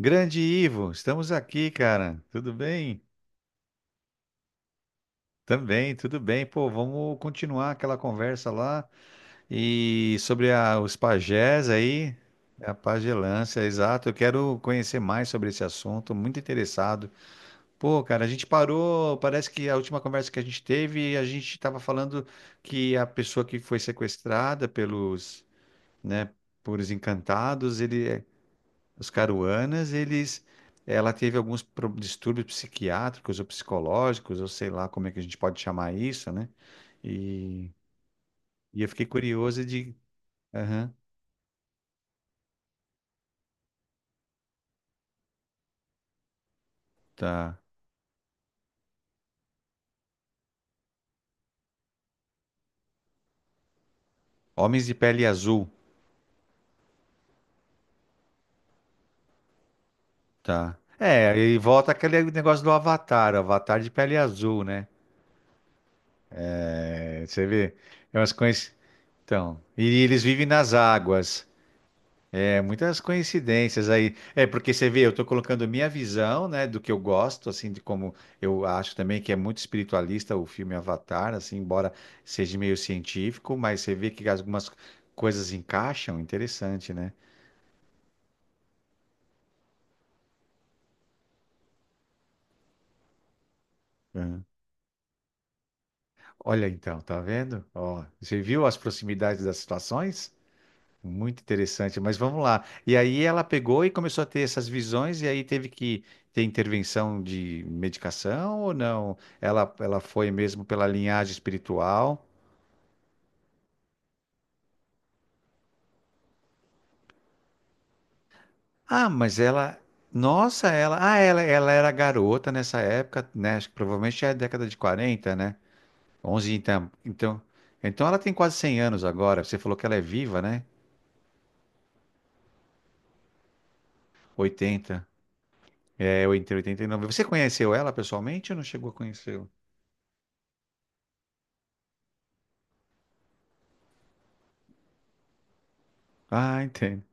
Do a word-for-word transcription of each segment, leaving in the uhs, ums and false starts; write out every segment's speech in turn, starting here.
Grande Ivo, estamos aqui, cara. Tudo bem? Também, tudo bem. Pô, vamos continuar aquela conversa lá e sobre a- os pajés aí, a pagelância, exato. Eu quero conhecer mais sobre esse assunto, muito interessado. Pô, cara, a gente parou, parece que a última conversa que a gente teve, a gente estava falando que a pessoa que foi sequestrada pelos, né, por os encantados, ele é. Os Caruanas, eles, ela teve alguns pro- distúrbios psiquiátricos ou psicológicos, ou sei lá como é que a gente pode chamar isso, né? E, e eu fiquei curioso de, aham, tá. Homens de pele azul, tá. É, e volta aquele negócio do Avatar, Avatar de pele azul, né? É, você vê, é umas coisas. Então, e eles vivem nas águas. É muitas coincidências aí. É, porque você vê, eu estou colocando minha visão, né, do que eu gosto, assim, de como eu acho também que é muito espiritualista o filme Avatar, assim, embora seja meio científico, mas você vê que algumas coisas encaixam, interessante, né? Uhum. Olha então, tá vendo? Ó, você viu as proximidades das situações? Muito interessante, mas vamos lá. E aí ela pegou e começou a ter essas visões, e aí teve que ter intervenção de medicação ou não? Ela, ela foi mesmo pela linhagem espiritual. Ah, mas ela. Nossa, ela. Ah, ela, ela era garota nessa época, né? Acho que provavelmente é a década de quarenta, né? Onze então. Então, então ela tem quase cem anos agora. Você falou que ela é viva, né? Oitenta. É, entre oitenta e nove. Você conheceu ela pessoalmente ou não chegou a conhecê-la? Ah, entendi.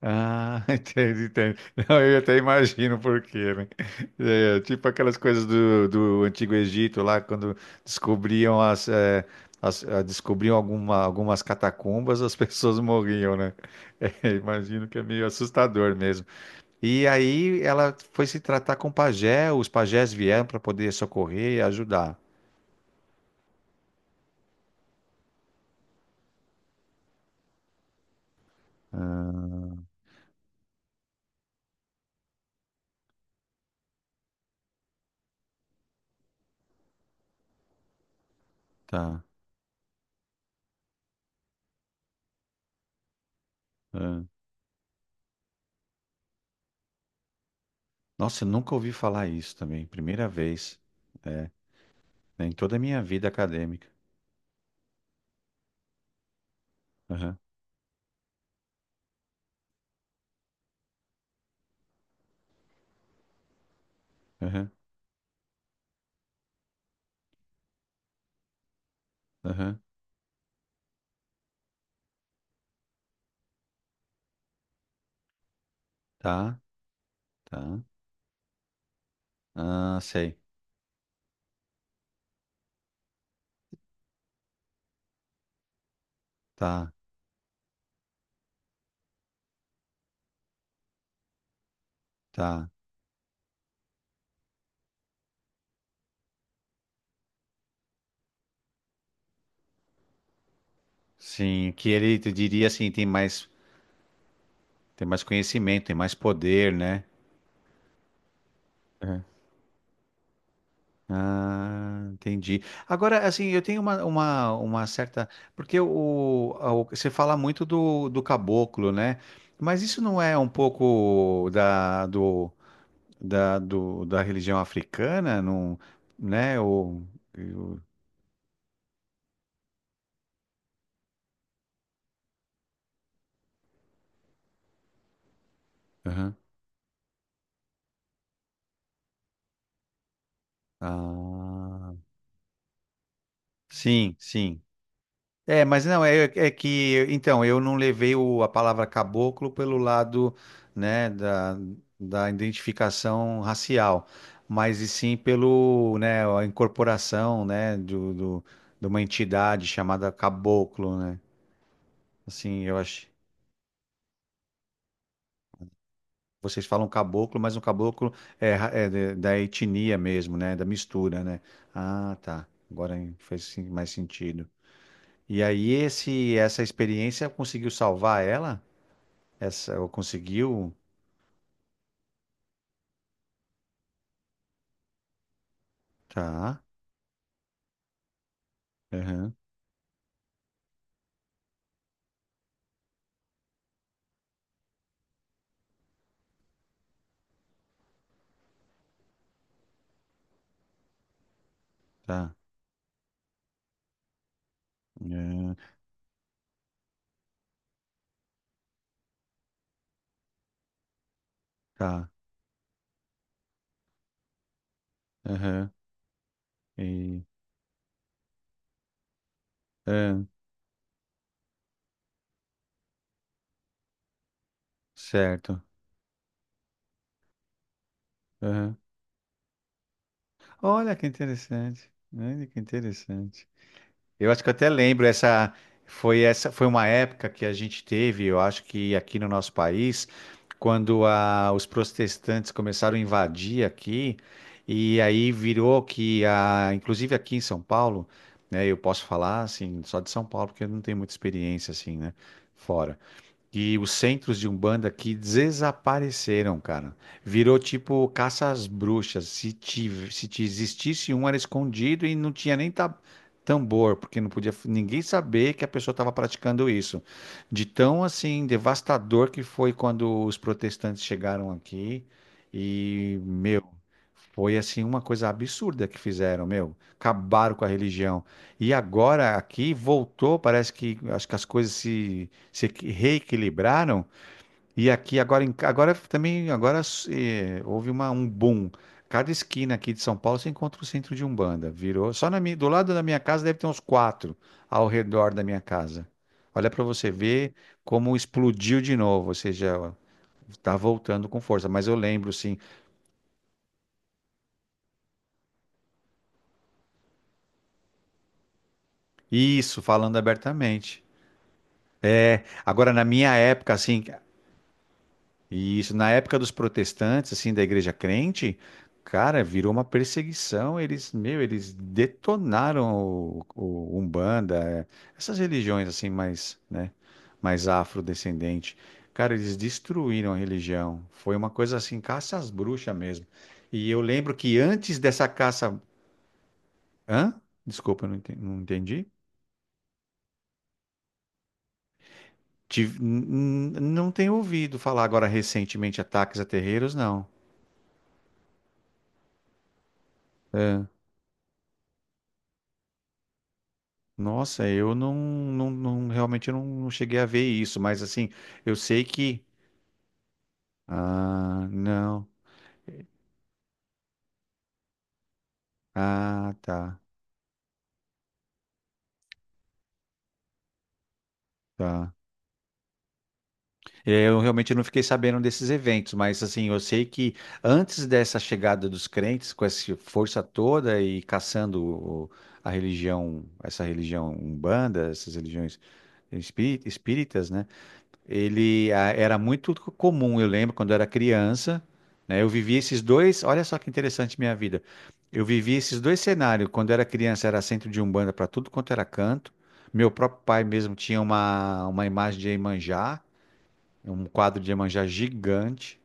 Ah, entendi, entendi. Não, eu até imagino por quê, né? É, tipo aquelas coisas do, do Antigo Egito lá, quando descobriam as, é, as- ah, descobriam alguma, algumas catacumbas, as pessoas morriam, né? É, imagino que é meio assustador mesmo. E aí ela foi se tratar com o pajé, os pajés vieram para poder socorrer e ajudar. Tá. Ah. Nossa, eu nunca ouvi falar isso também, primeira vez, é, em toda a minha vida acadêmica. Aham, aham. Aham. Tá, tá. Ah, sei. Tá, tá. Sim, que ele te diria assim, tem mais, tem mais conhecimento, tem mais poder, né? Aham. Ah, entendi. Agora, assim, eu tenho uma, uma, uma, certa. Porque o, a- o- você fala muito do, do caboclo, né? Mas isso não é um pouco da, do, da, do, da religião africana, não, né? O, o- Aham. Ah, sim, sim. É, mas não, é, é que, então, eu não levei o- a palavra caboclo pelo lado, né, da, da identificação racial, mas e sim pelo, né, a incorporação, né, do, do- de uma entidade chamada caboclo, né? Assim, eu acho, vocês falam caboclo, mas o caboclo é, ra- é de- da etnia mesmo, né, da mistura, né? Ah, tá, agora faz sim- mais sentido. E aí esse, essa experiência conseguiu salvar ela? Essa, eu conseguiu? Tá. Aham, tá. Aham, tá. Aham. E, aham, certo. Aham. Olha que interessante. Olha que interessante. Eu acho que eu até lembro, essa foi essa foi uma época que a gente teve, eu acho que aqui no nosso país, quando a- os protestantes começaram a invadir aqui, e aí virou que a, inclusive aqui em São Paulo, né, eu posso falar assim, só de São Paulo, porque eu não tenho muita experiência assim, né, fora. E os centros de Umbanda que desapareceram, cara. Virou tipo caça às bruxas. Se, tive, se te existisse um, era escondido e não tinha nem ta- tambor, porque não podia f- ninguém saber que a pessoa estava praticando isso. De tão assim devastador que foi quando os protestantes chegaram aqui e, meu, foi assim uma coisa absurda que fizeram, meu. Acabaram com a religião. E agora aqui voltou, parece que acho que as coisas se, se equi- reequilibraram. E aqui agora, em agora também agora eh, houve uma, um boom. Cada esquina aqui de São Paulo você encontra o centro de Umbanda. Virou. Só na minha, do lado da minha casa deve ter uns quatro ao redor da minha casa. Olha para você ver como explodiu de novo. Ou seja, está voltando com força. Mas eu lembro, sim. Isso, falando abertamente. Agora, na minha época, assim, e isso, na época dos protestantes, assim, da igreja crente, cara, virou uma perseguição. Eles, meu, eles detonaram o, o Umbanda, é, essas religiões, assim, mais, né, mais afrodescendente. Cara, eles destruíram a religião. Foi uma coisa assim, caça às bruxas mesmo. E eu lembro que antes dessa caça. Hã? Desculpa, eu não enten- não entendi. Tive- n- n- não tenho ouvido falar agora recentemente ataques a terreiros, não. Nossa, eu não, não, não- realmente eu não, não cheguei a ver isso, mas assim, eu sei que. Ah, não. Ah, tá, tá. É, eu realmente não fiquei sabendo desses eventos, mas assim, eu sei que antes dessa chegada dos crentes com essa força toda e caçando o- a religião, essa religião Umbanda, essas religiões espí- espíritas, né, ele ah, era muito comum, eu lembro, quando eu era criança, né? Eu vivi esses dois, olha só que interessante minha vida. Eu vivi esses dois cenários. Quando eu era criança, era centro de Umbanda para tudo quanto era canto. Meu próprio pai mesmo tinha uma uma imagem de Iemanjá, um quadro de Iemanjá gigante.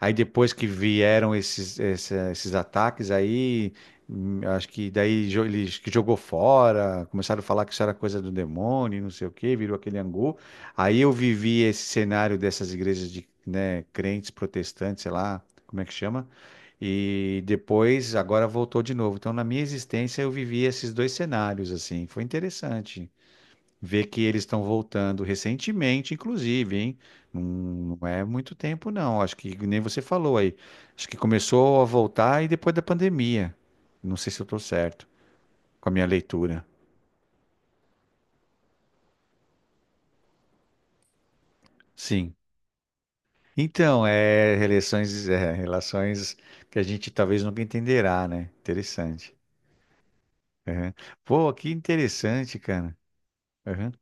Aí depois que vieram esses, essa- esses ataques, aí hum, acho que daí jo- ele acho que jogou fora, começaram a falar que isso era coisa do demônio, e não sei o quê, virou aquele angu. Aí eu vivi esse cenário dessas igrejas de, né, crentes protestantes, sei lá, como é que chama? E depois agora voltou de novo. Então na minha existência eu vivi esses dois cenários assim, foi interessante. Ver que eles estão voltando recentemente, inclusive, hein? Não não é muito tempo, não. Acho que nem você falou aí. Acho que começou a voltar e depois da pandemia. Não sei se eu estou certo com a minha leitura. Sim. Então, é relações, é, relações que a gente talvez nunca entenderá, né? Interessante. Aham. Pô, que interessante, cara. Aham.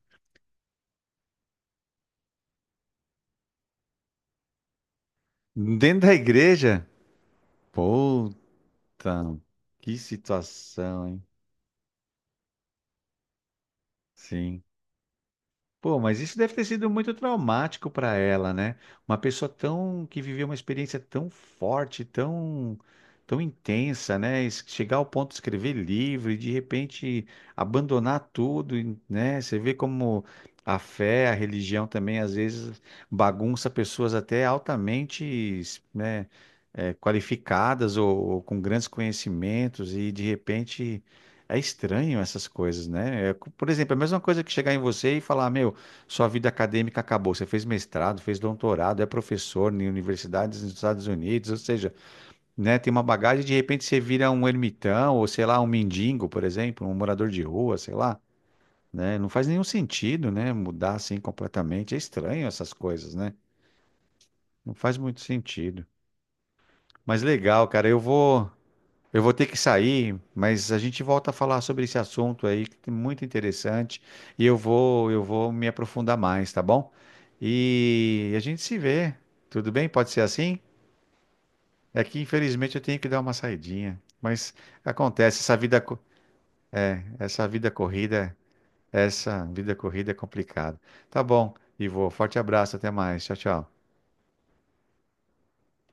Dentro da igreja? Puta, que situação, hein? Sim. Pô, mas isso deve ter sido muito traumático para ela, né? Uma pessoa tão que viveu uma experiência tão forte, tão tão intensa, né? Es- Chegar ao ponto de escrever livro e de repente abandonar tudo, e, né? Você vê como a fé, a religião também às vezes bagunça pessoas até altamente, né, eh, qualificadas ou, ou com grandes conhecimentos e de repente é estranho essas coisas, né? É, por exemplo, é a mesma coisa que chegar em você e falar, meu, sua vida acadêmica acabou. Você fez mestrado, fez doutorado, é professor em universidades nos Estados Unidos, ou seja, né, tem uma bagagem e de repente você vira um ermitão, ou sei lá, um mendigo, por exemplo, um morador de rua, sei lá, né? Não faz nenhum sentido, né, mudar assim completamente. É estranho essas coisas, né? Não faz muito sentido. Mas legal, cara, eu vou. Eu vou ter que sair, mas a gente volta a falar sobre esse assunto aí, que é muito interessante, e eu vou, eu vou me aprofundar mais, tá bom? E a gente se vê. Tudo bem? Pode ser assim? É que infelizmente eu tenho que dar uma saidinha, mas acontece, essa vida, co- essa vida corrida, essa vida corrida é complicada. Tá bom, Ivo, forte abraço, até mais. Tchau, tchau.